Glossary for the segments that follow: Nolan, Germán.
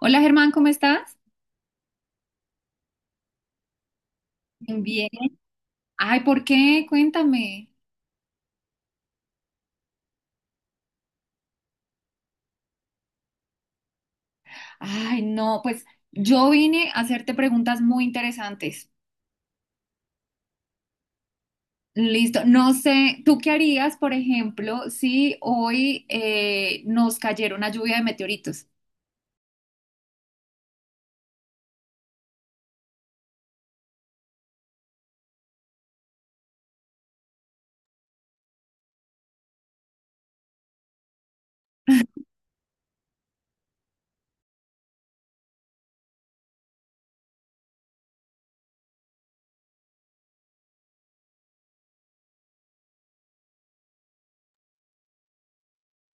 Hola Germán, ¿cómo estás? Bien. Ay, ¿por qué? Cuéntame. Ay, no, pues yo vine a hacerte preguntas muy interesantes. Listo. No sé, ¿tú qué harías, por ejemplo, si hoy nos cayera una lluvia de meteoritos?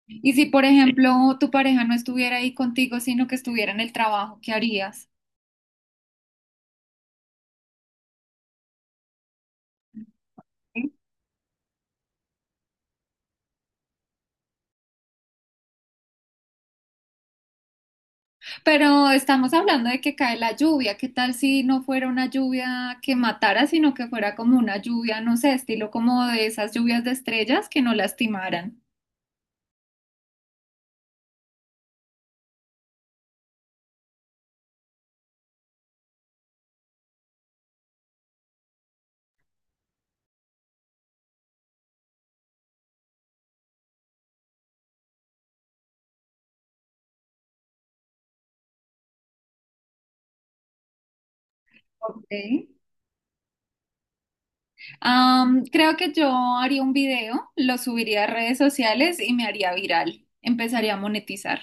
Y si, por ejemplo, tu pareja no estuviera ahí contigo, sino que estuviera en el trabajo, ¿qué harías? Pero estamos hablando de que cae la lluvia. ¿Qué tal si no fuera una lluvia que matara, sino que fuera como una lluvia, no sé, estilo como de esas lluvias de estrellas que no lastimaran? Ok. Creo que yo haría un video, lo subiría a redes sociales y me haría viral. Empezaría a monetizar.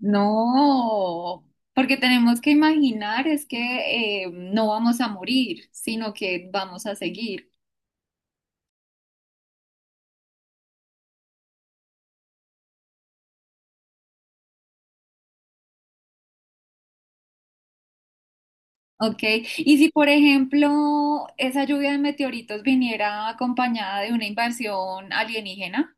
No, porque tenemos que imaginar es que no vamos a morir, sino que vamos a seguir. Ok, y si por ejemplo esa lluvia de meteoritos viniera acompañada de una invasión alienígena,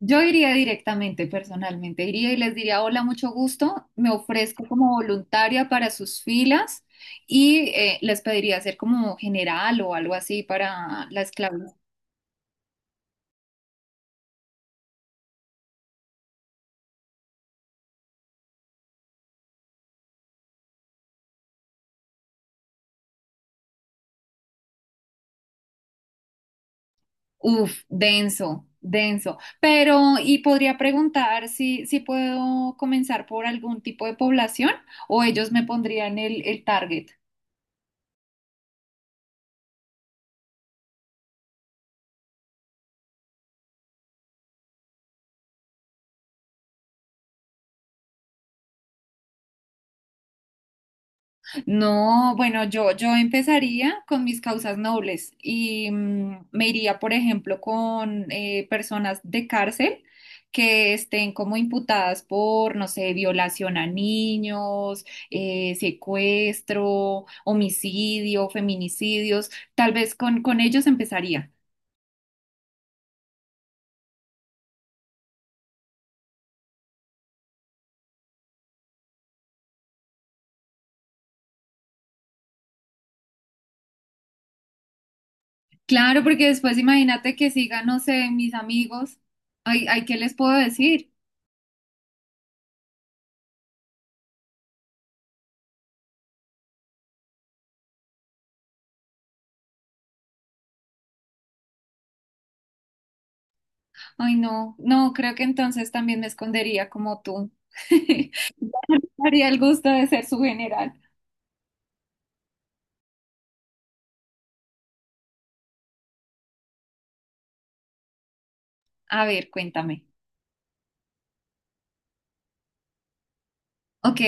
yo iría directamente, personalmente, iría y les diría, hola, mucho gusto, me ofrezco como voluntaria para sus filas y les pediría ser como general o algo así para la esclavitud. Uf, denso, denso. Pero, y podría preguntar si, si puedo comenzar por algún tipo de población o ellos me pondrían el target. No, bueno, yo empezaría con mis causas nobles y me iría, por ejemplo, con personas de cárcel que estén como imputadas por, no sé, violación a niños, secuestro, homicidio, feminicidios. Tal vez con ellos empezaría. Claro, porque después imagínate que sigan, no sé, mis amigos. Ay, ay, ¿qué les puedo decir? Ay, no, no, creo que entonces también me escondería como tú. Haría el gusto de ser su general. A ver, cuéntame. Ok,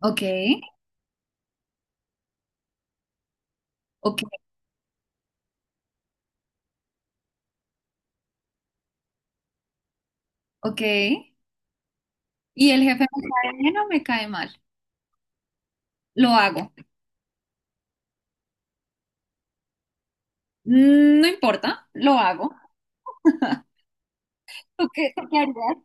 ok, ok, ok. ¿Y el jefe me cae bien o me cae mal? Lo hago. No importa, lo hago. Tú qué harías?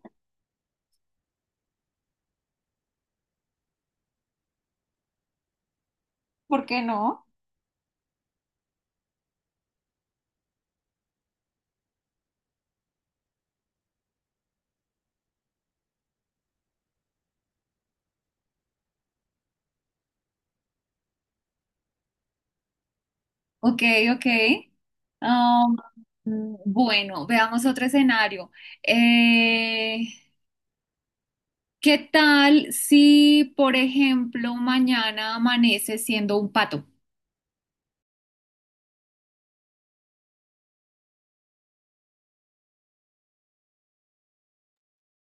¿Por qué no? Ok, ok. Um, mm, bueno, veamos otro escenario. Eh, ¿Qué tal si, por ejemplo, mañana amaneces siendo un pato?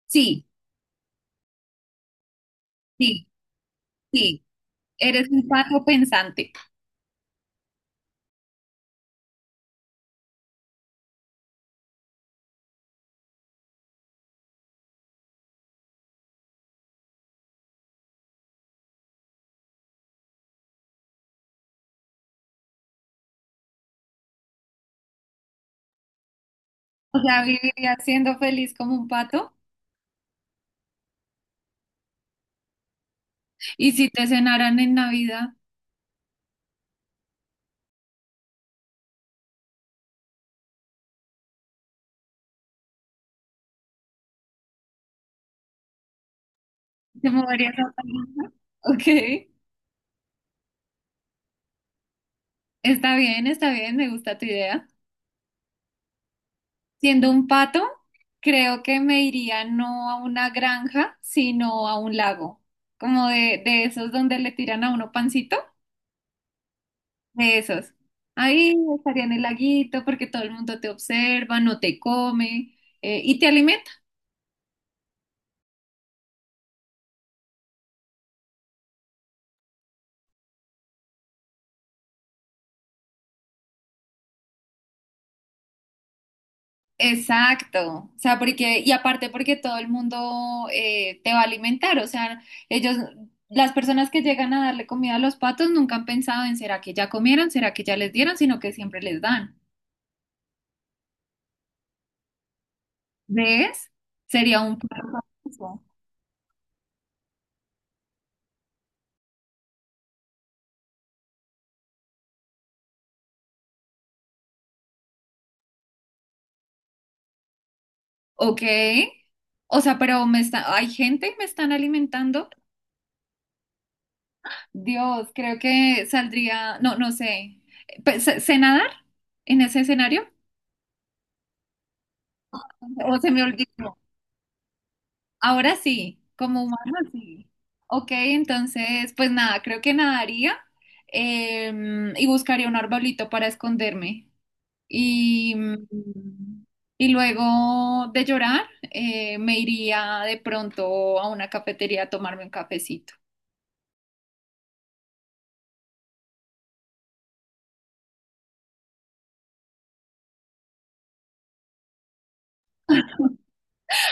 Sí, sí, sí. Eres un pato pensante. O sea, viviría siendo feliz como un pato. Y si te cenaran en Navidad, ¿te moverías a Tailandia? Ok, está bien, me gusta tu idea. Siendo un pato, creo que me iría no a una granja, sino a un lago. Como de esos donde le tiran a uno pancito, de esos. Ahí estaría en el laguito porque todo el mundo te observa, no te come, y te alimenta. Exacto, o sea, porque, y aparte porque todo el mundo te va a alimentar, o sea, ellos, las personas que llegan a darle comida a los patos nunca han pensado en será que ya comieron, será que ya les dieron, sino que siempre les dan. ¿Ves? Sería un pato famoso. Ok, o sea, pero me está, hay gente que me están alimentando. Dios, creo que saldría, no, no sé, pues, ¿sé nadar en ese escenario? O se me olvidó. Ahora sí, como humano sí. Ok, entonces, pues nada, creo que nadaría y buscaría un arbolito para esconderme. Y, mm, y luego de llorar, me iría de pronto a una cafetería a tomarme un cafecito.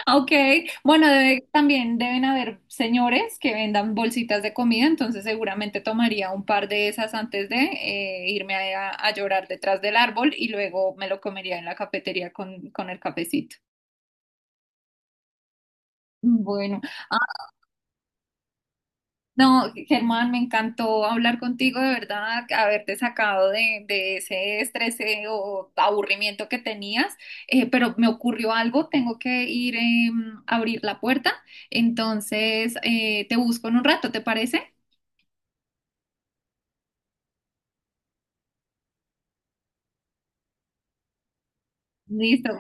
Ok, bueno, debe- también deben haber señores que vendan bolsitas de comida, entonces seguramente tomaría un par de esas antes de irme a llorar detrás del árbol y luego me lo comería en la cafetería con el cafecito. Bueno, no, Germán, me encantó hablar contigo, de verdad, haberte sacado de ese estrés o aburrimiento que tenías. Pero me ocurrió algo, tengo que ir a abrir la puerta, entonces te busco en un rato, ¿te parece? Listo,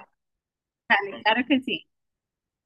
claro que sí.